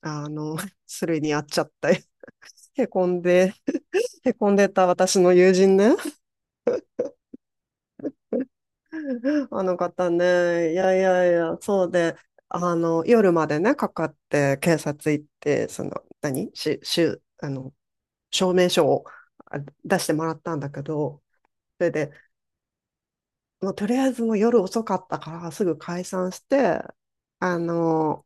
あの、それにやっちゃって、へこんで、へこんでた私の友人ね、あの方ね、いやいやいや、そうで、夜までね、かかって警察行って、何し、しゅ、あの、証明書をあ出してもらったんだけど、それで、もうとりあえずもう夜遅かったからすぐ解散して、あの、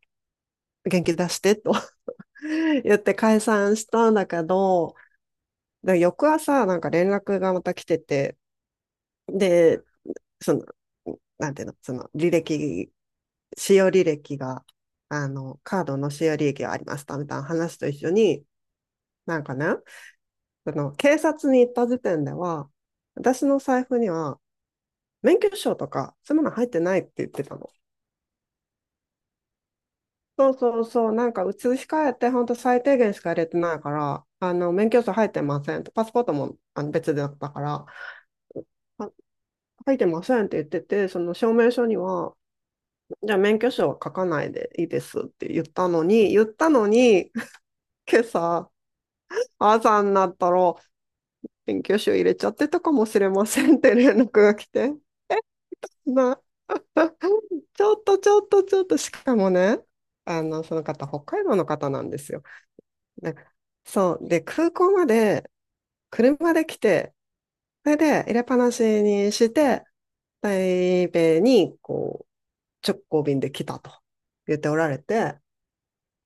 元気出してと 言って解散したんだけど、だから翌朝、なんか連絡がまた来てて、で、その、なんていうの、その履歴、使用履歴が、カードの使用履歴がありましたみたいな話と一緒に、なんかね、その警察に行った時点では、私の財布には免許証とか、そういうもの入ってないって言ってたの。そうそうそう、なんか移し替えて、本当最低限しか入れてないから、免許証入ってませんと、パスポートも別だったから、書いてませんって言ってて、その証明書には、じゃあ免許証は書かないでいいですって言ったのに、言ったのに、今朝、朝になったら、免許証入れちゃってたかもしれませんって連絡が来て、な、ちょっとちょっとちょっと、しかもね、その方、北海道の方なんですよ。でそう、で、空港まで車で来て、それで入れっぱなしにして、台北に直行便で来たと言っておられて、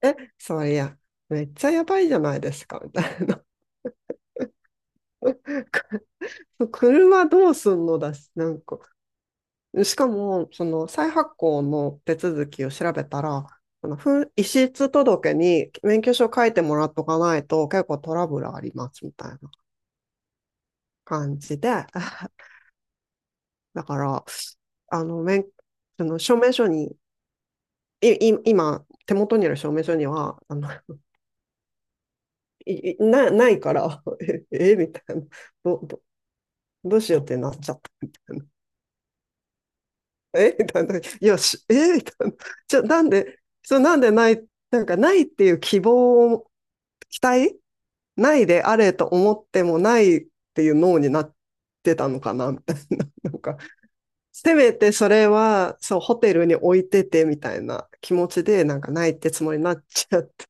え、そりゃ、めっちゃやばいじゃないですか、みたいな 車どうすんのだし、なんか、しかも、その再発行の手続きを調べたら、あの遺失届に免許証書いてもらっとかないと結構トラブルありますみたいな感じで だから、あの、免、その証明書に、今、手元にある証明書には、ないから、えみたいな。ど、ど、どうしようってなっちゃったみたいな。えみたいな。いやし、えみたいな。なんで、そう、なんかないっていう希望を、期待ないであれと思ってもないっていう脳になってたのかなみたいな。なんか、せめてそれは、そう、ホテルに置いててみたいな気持ちで、なんかないってつもりになっちゃって。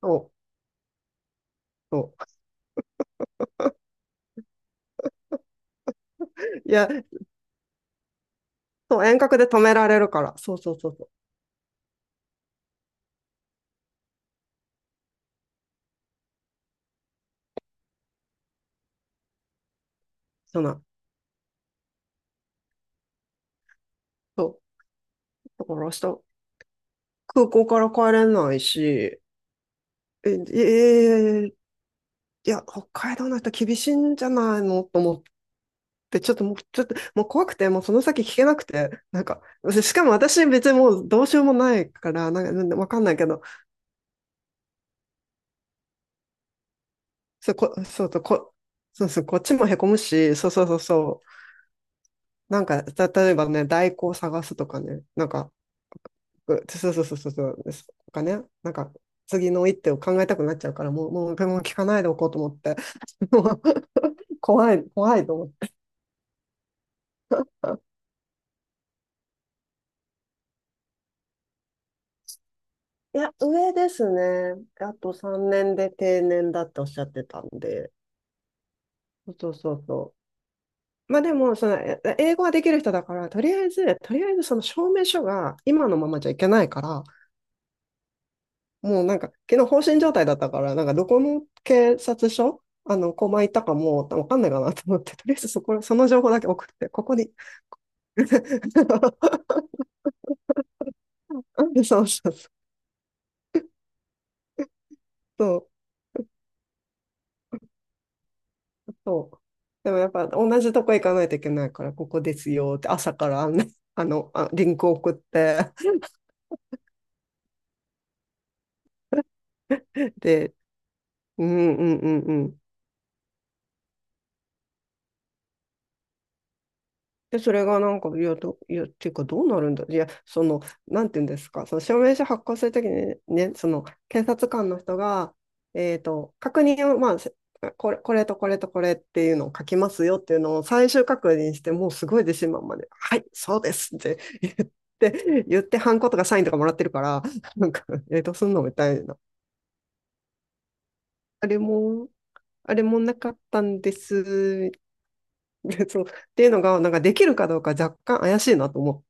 そう、そう。いや、そう、遠隔で止められるから。そうそうそうそう。そうな。そう。だから明日空港から帰れないし、え、えーいや、北海道の人厳しいんじゃないのと思って、ちょっと、もう怖くて、もうその先聞けなくて、なんか、しかも私別にもうどうしようもないから、なんか、なんでわかんないけど、そう、そうと、そうそう、こっちもへこむし、そうそうそうそう、なんか、例えばね、代行を探すとかね、なんか、そうそうそうそうそう、ですとかね、なんか、次の一手を考えたくなっちゃうから、もう、もう、もう聞かないでおこうと思って、もう怖い、怖いと思って。いや、上ですね。あと3年で定年だっておっしゃってたんで。そうそうそうそう。まあでも、その、英語ができる人だから、とりあえずその証明書が今のままじゃいけないから、もうなんか、昨日放心状態だったから、なんかどこの警察署、コマ行ったかもうわかんないかなと思って、とりあえずそこ、その情報だけ送って、ここに。そうそうそう。そう。でもやっぱ同じとこ行かないといけないから、ここですよって朝からリンク送って、で、うんうんうんうん。で、それがなんか、いや、いや、っていうか、どうなるんだ、いや、その、なんていうんですか、その証明書発行するときにね、その、検察官の人が、確認を、まあ、これ、これとこれとこれっていうのを書きますよっていうのを最終確認して、もうすごい自信満々で、はい、そうですって言って、言って、ハンコとかサインとかもらってるから、なんか、えっどうすんのみたいな。あれも、あれもなかったんです、そう。っていうのが、なんかできるかどうか若干怪しいなと思っ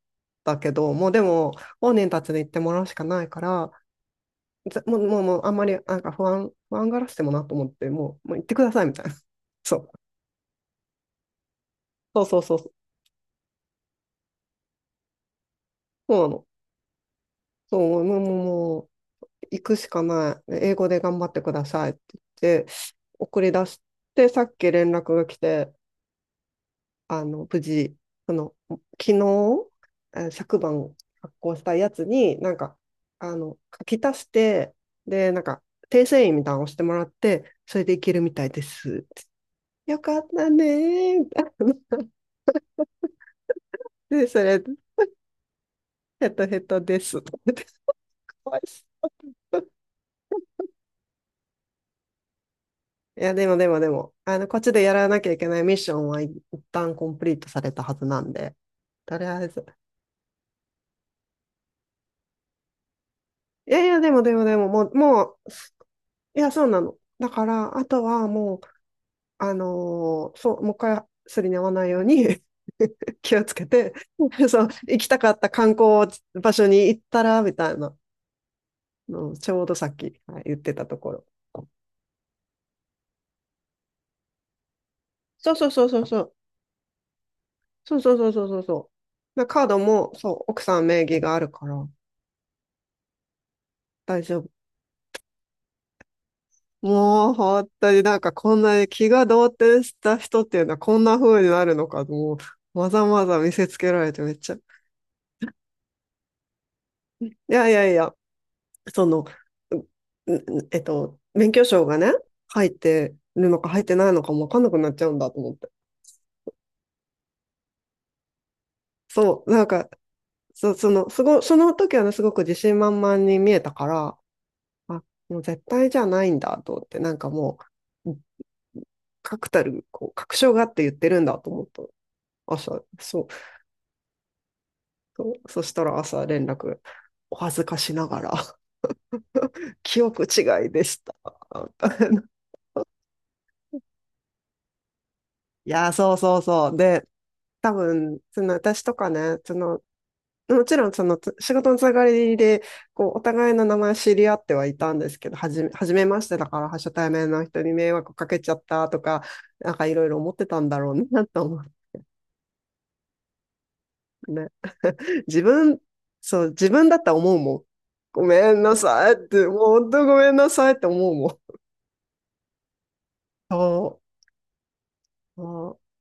たけど、もうでも、本人たちに言ってもらうしかないから、もう、もう、もうあんまり、なんか不安がらしてもなと思って、もう、もう行ってくださいみたいな。そう。そうそうそうそう。そうなの。そう、もう、もう、もう行くしかない。英語で頑張ってくださいって言って、送り出して、さっき連絡が来て、無事、その、昨日、昨晩発行したやつに、なんか、あの、書き足して、で、なんか、訂正印みたいなのを押してもらって、それでいけるみたいです。よかったねー。みたいな。で、それ、ヘトヘトです。怖いっす。いや、でもでもでも、こっちでやらなきゃいけないミッションは一旦コンプリートされたはずなんで、とりあえず。いやいや、でもでもでも、もう、もう、いや、そうなの。だから、あとはもう、そう、もう一回すりに合わないように 気をつけて、そう、行きたかった観光場所に行ったら、みたいなのをちょうどさっき、はい、言ってたところ。そうそうそうそうそう。そうそうそうそうそうそう。カードも、そう、奥さん名義があるから大丈夫。もう、本当になんかこんなに気が動転した人っていうのはこんな風になるのか、もう、わざわざ見せつけられてめっちゃ。いやいやいや、その、うえっと、免許証がね、入ってるのか入ってないのかもわかんなくなっちゃうんだと思って。そう、なんか、そ、その、すご、その時はね、すごく自信満々に見えたから、あ、もう絶対じゃないんだと思って、なんかもう、確たる、こう、確証があって言ってるんだと思った。朝、そう、そう、そしたら朝連絡、お恥ずかしながら、記憶違いでした。いやー、そうそうそう。で、多分、その私とかね、そのもちろんその仕事のつながりでこうお互いの名前知り合ってはいたんですけど、はじめ、初めましてだから初対面の人に迷惑かけちゃったとか、なんかいろいろ思ってたんだろうなと思ってね。自分、そう、自分だったら思うもん。ごめんなさいって、もう本当ごめんなさいって思うもん。そう。そう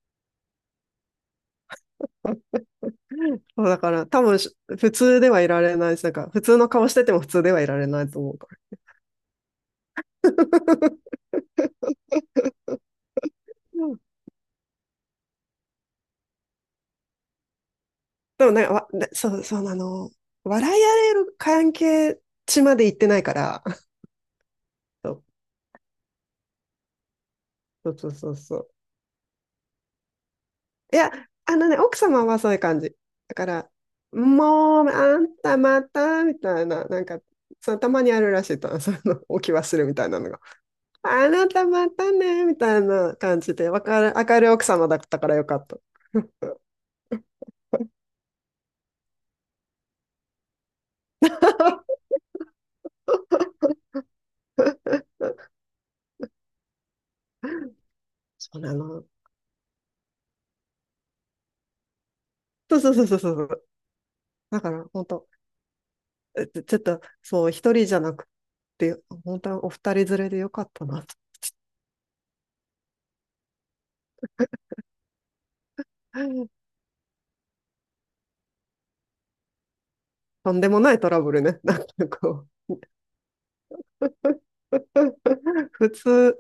そうだから多分普通ではいられないし、なんか普通の顔してても普通ではいられないと思うから。でもね、ねそう、そうなの。笑い合える関係値まで行ってないから。そうそうそうそうそう。いや、あのね、奥様はそういう感じ。だから、もう、あんたまた、みたいな、なんか、たまにあるらしいと、おき忘れみたいなのが。あなたまたね、みたいな感じで、わかる、明るい奥様だったからよかった。そうなの。そうそうそうそうそう。だから、本当ちょっと、そう、一人じゃなくて、本当にお二人連れでよかったなと。とんでもないトラブルね。なんかこう 普通、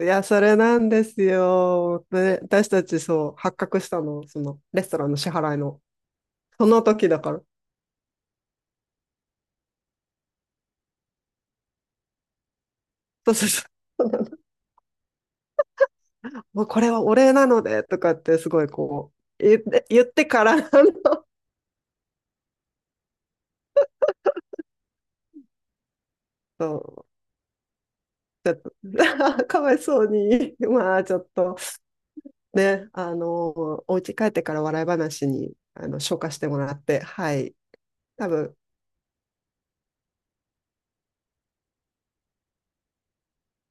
いや、それなんですよ。で、私たちそう、発覚したの、その、レストランの支払いの、その時だから。そうそうそう。もうこれはお礼なので、とかってすごいこう、言って、言ってからの、そう かわいそうに、まあちょっとね、お家帰ってから笑い話に、消化してもらって、はい。多分、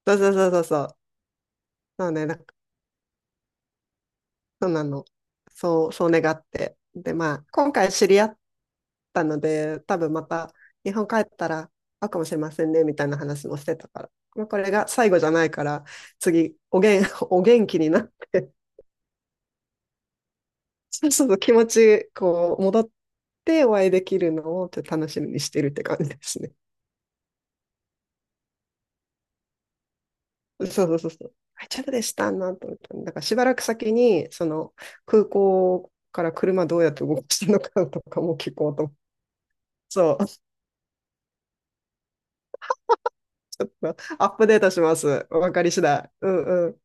そうそうそうそうそう。そうね、なんか、そうなの。そう、そう願って。で、まあ、今回知り合ったので、多分また、日本帰ったら会うかもしれませんね、みたいな話もしてたから。まあ、これが最後じゃないから、次、おげん、お元気になって、そうそうそう気持ち、こう、戻ってお会いできるのを、ちょっと楽しみにしてるって感じですね。そうそうそうそう。あ、ちょっとでしたなと思った。だからしばらく先に、その空港から車どうやって動かしてるのかとかも聞こうと思って。そう、ちょっとアップデートします。わかり次第。うんうん。